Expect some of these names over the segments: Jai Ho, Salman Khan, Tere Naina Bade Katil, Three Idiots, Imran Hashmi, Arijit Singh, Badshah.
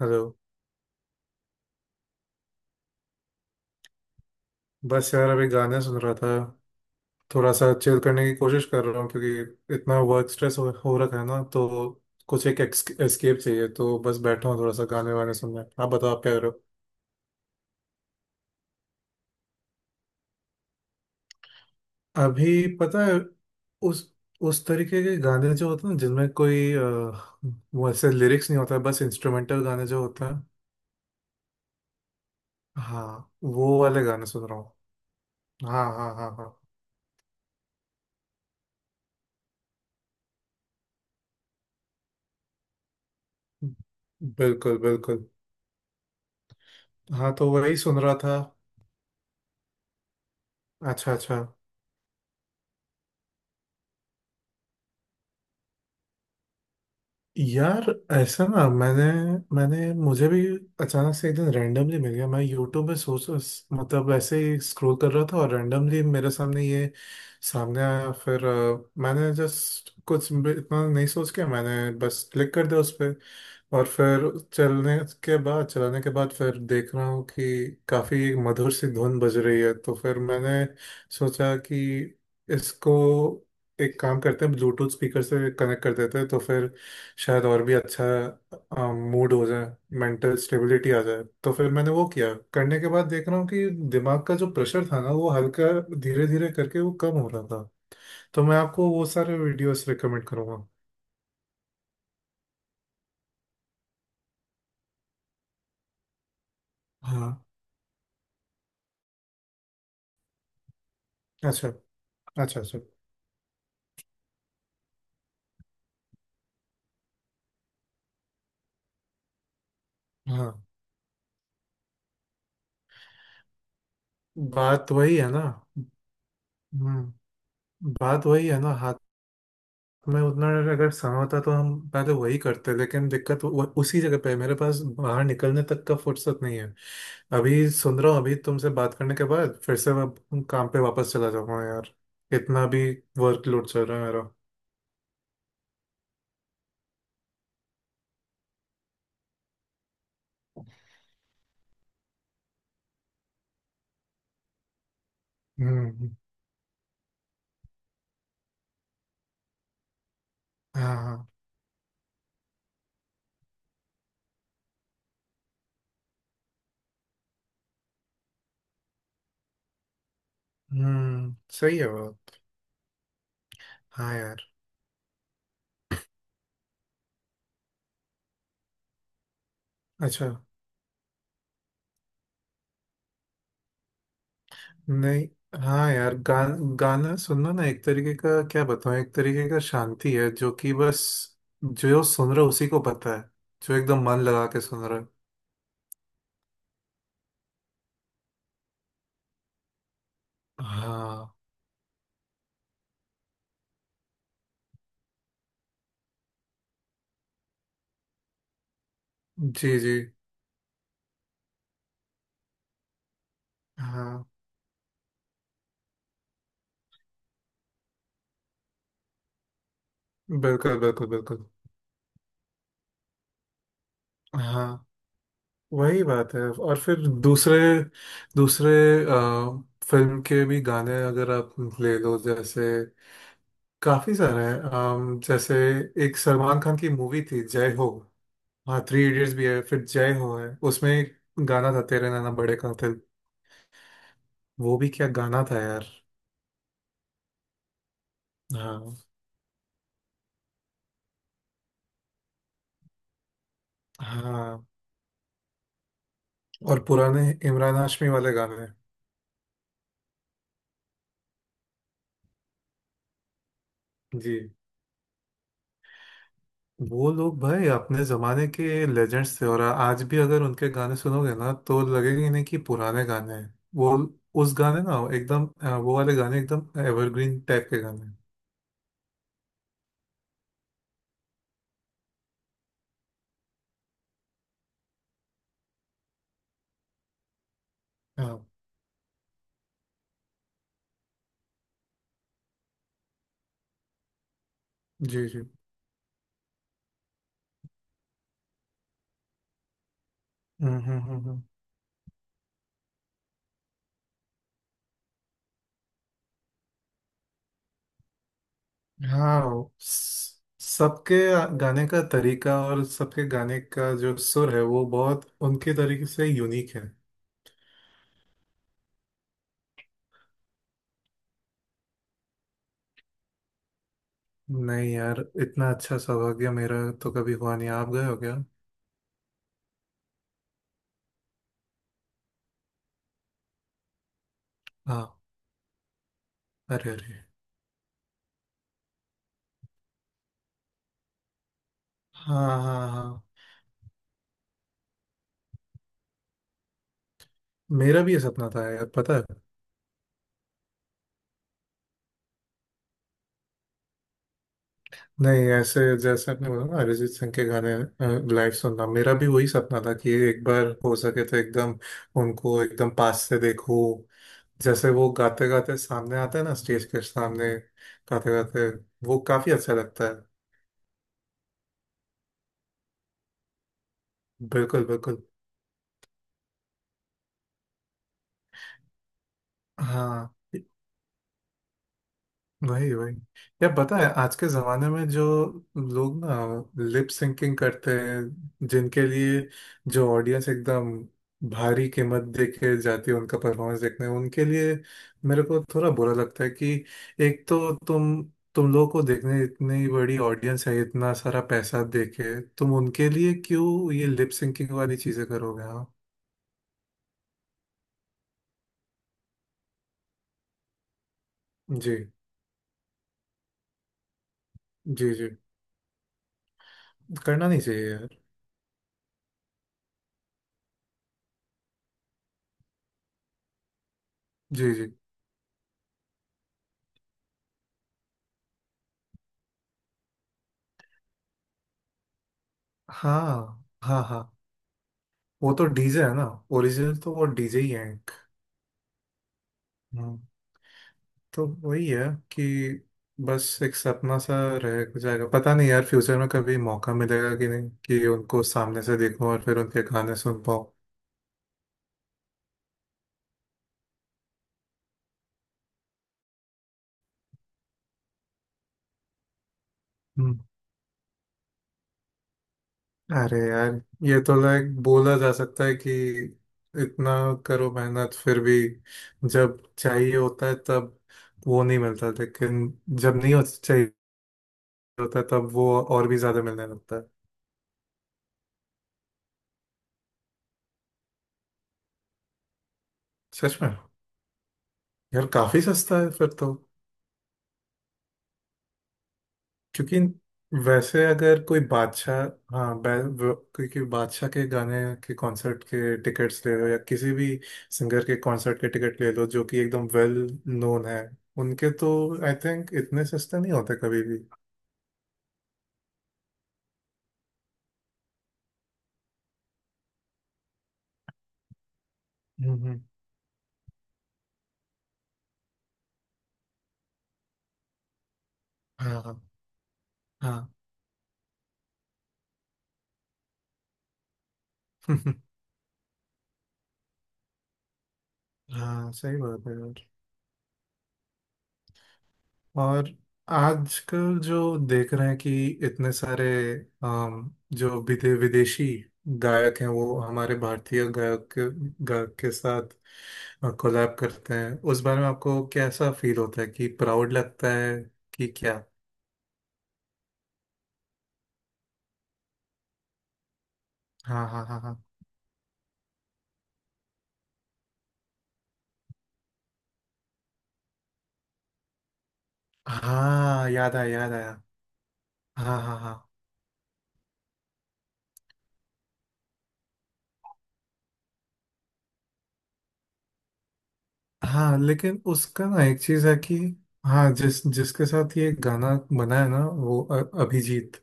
Hello. बस यार अभी गाने सुन रहा था। थोड़ा सा चिल करने की कोशिश कर रहा हूँ क्योंकि इतना वर्क स्ट्रेस हो रखा है ना, तो कुछ एक एस्केप चाहिए। तो बस बैठा हूँ थोड़ा सा गाने वाने सुनने। आप बताओ, आप क्या कर रहे हो? अभी पता है, उस उस तरीके के गाने जो होते हैं ना, जिनमें कोई वैसे लिरिक्स नहीं होता है, बस इंस्ट्रूमेंटल गाने जो होते हैं। हाँ, वो वाले गाने सुन रहा हूँ। हाँ हाँ हाँ हाँ। बिल्कुल बिल्कुल। हाँ, तो वही सुन रहा था। अच्छा अच्छा। यार ऐसा ना, मैंने मैंने मुझे भी अचानक से एक दिन रैंडमली मिल गया। मैं यूट्यूब में सोच, मतलब ऐसे ही स्क्रॉल कर रहा था और रैंडमली मेरे सामने ये सामने आया। फिर मैंने जस्ट कुछ भी- इतना नहीं सोच के मैंने बस क्लिक कर दिया उस पे। और फिर चलने के बाद, चलाने के बाद फिर देख रहा हूँ कि काफी एक मधुर सी धुन बज रही है। तो फिर मैंने सोचा कि इसको एक काम करते हैं, ब्लूटूथ स्पीकर से कनेक्ट कर देते हैं, तो फिर शायद और भी अच्छा मूड हो जाए, मेंटल स्टेबिलिटी आ जाए। तो फिर मैंने वो किया, करने के बाद देख रहा हूँ कि दिमाग का जो प्रेशर था ना, वो हल्का धीरे धीरे करके वो कम हो रहा था। तो मैं आपको वो सारे वीडियोस रिकमेंड करूँगा। हाँ। अच्छा अच्छा। अच्छा। हाँ। बात वही है ना। हम्म। बात वही है ना। हाथ में उतना अगर समय होता तो हम पहले वही करते, लेकिन दिक्कत उसी जगह पे है। मेरे पास बाहर निकलने तक का फुर्सत नहीं है। अभी सुन रहा हूँ, अभी तुमसे बात करने के बाद फिर से मैं काम पे वापस चला जाऊंगा यार। इतना भी वर्कलोड चल रहा है मेरा। हम्म। हाँ हाँ। हम्म, सही है वो। हाँ यार। अच्छा। नहीं, हाँ यार गा, गाना सुनना ना एक तरीके का, क्या बताऊँ, एक तरीके का शांति है, जो कि बस जो सुन रहा है उसी को पता है। जो एकदम मन लगा के सुन रहा है। हाँ। जी जी। हाँ, बिल्कुल बिल्कुल बिल्कुल। हाँ वही बात है। और फिर दूसरे दूसरे फिल्म के भी गाने अगर आप ले लो, जैसे काफी सारे हैं। जैसे एक सलमान खान की मूवी थी जय हो। हाँ, थ्री इडियट्स भी है, फिर जय हो है, उसमें एक गाना था तेरे नैना बड़े कातिल। वो भी क्या गाना था यार। हाँ हाँ। और पुराने इमरान हाशमी वाले गाने। जी। वो लोग भाई अपने जमाने के लेजेंड्स थे, और आज भी अगर उनके गाने सुनोगे ना तो लगेगा ही नहीं कि पुराने गाने हैं वो। उस गाने ना एकदम वो वाले गाने एकदम एवरग्रीन टाइप के गाने हैं। हाँ। जी जी। हम्म हम्म हम्म हम्म। हाँ, सबके गाने का तरीका और सबके गाने का जो सुर है, वो बहुत उनके तरीके से यूनिक है। नहीं यार, इतना अच्छा सौभाग्य मेरा तो कभी हुआ नहीं। आप गए हो क्या? हाँ। अरे अरे। हाँ हाँ हाँ। मेरा भी ये सपना था यार, पता है। नहीं, ऐसे जैसे आपने बोला ना, अरिजीत सिंह के गाने लाइव सुनना मेरा भी वही सपना था कि एक बार हो सके तो एकदम उनको एकदम पास से देखूं। जैसे वो गाते गाते सामने आते हैं ना, स्टेज के सामने गाते गाते, वो काफी अच्छा लगता है। बिल्कुल बिल्कुल। हाँ वही वही। यार पता है, आज के जमाने में जो लोग ना लिप सिंकिंग करते हैं, जिनके लिए जो ऑडियंस एकदम भारी कीमत दे के जाती है उनका परफॉर्मेंस देखने, उनके लिए मेरे को थोड़ा बुरा लगता है कि एक तो तुम लोगों को देखने इतनी बड़ी ऑडियंस है, इतना सारा पैसा दे के तुम उनके लिए क्यों ये लिप सिंकिंग वाली चीजें करोगे? हाँ। जी जी। जी, करना नहीं चाहिए यार। जी जी। हाँ हाँ हाँ। वो तो डीजे है ना, ओरिजिनल तो वो डीजे ही है एक। हाँ। तो वही है कि बस एक सपना सा रह जाएगा। पता नहीं यार, फ्यूचर में कभी मौका मिलेगा कि नहीं कि उनको सामने से देखूं और फिर उनके गाने सुन पाऊं। हम्म। अरे यार, ये तो लाइक बोला जा सकता है कि इतना करो मेहनत, फिर भी जब चाहिए होता है तब वो नहीं मिलता, लेकिन जब नहीं हो चाहिए होता है, तब वो और भी ज्यादा मिलने लगता है। सच में? यार काफी सस्ता है फिर तो। क्योंकि वैसे अगर कोई बादशाह, हाँ क्योंकि बादशाह के गाने के कॉन्सर्ट के टिकट्स ले लो, या किसी भी सिंगर के कॉन्सर्ट के टिकट ले लो जो कि एकदम वेल नोन है, उनके तो आई थिंक इतने सस्ते नहीं होते कभी भी। हम्म। हाँ हाँ। हाँ सही बात है यार। और आजकल जो देख रहे हैं कि इतने सारे जो विदेशी गायक हैं वो हमारे भारतीय गायक के साथ कोलैब करते हैं, उस बारे में आपको कैसा फील होता है? कि प्राउड लगता है, कि क्या? हाँ हाँ हाँ हाँ। हाँ याद आया याद आया। हाँ हाँ हाँ हाँ। लेकिन उसका ना एक चीज है कि हाँ, जिसके साथ ये गाना बना है ना, वो अ- अभिजीत,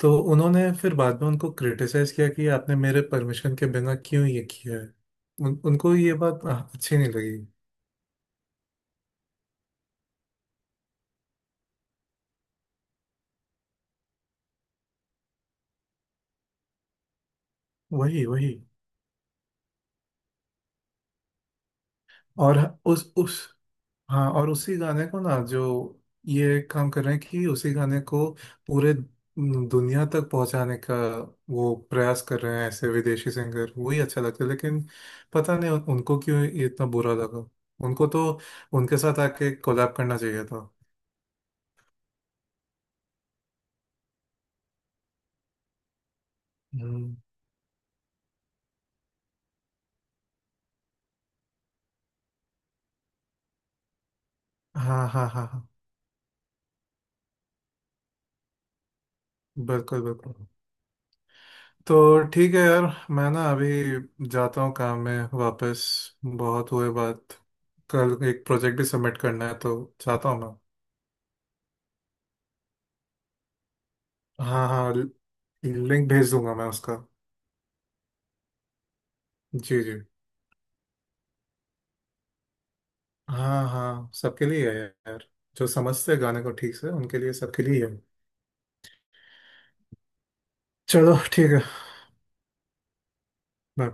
तो उन्होंने फिर बाद में उनको क्रिटिसाइज किया कि आपने मेरे परमिशन के बिना क्यों ये किया है। उनको ये बात अच्छी नहीं लगी। वही वही। और उस हाँ, और उसी गाने को ना, जो ये काम कर रहे हैं कि उसी गाने को पूरे दुनिया तक पहुंचाने का वो प्रयास कर रहे हैं ऐसे विदेशी सिंगर, वही अच्छा लगता है। लेकिन पता नहीं उनको क्यों ये इतना बुरा लगा। उनको तो उनके साथ आके कोलैब करना चाहिए था। हम्म। हाँ हाँ हाँ हाँ। बिल्कुल बिल्कुल। तो ठीक है यार, मैं ना अभी जाता हूँ काम में वापस। बहुत हुए बात। कल एक प्रोजेक्ट भी सबमिट करना है, तो चाहता हूँ मैं। हाँ हाँ, लिंक भेज दूंगा मैं उसका। जी जी। हाँ हाँ, सबके लिए है यार। जो समझते हैं गाने को ठीक से, उनके लिए, सबके लिए है। चलो ठीक है। बाय।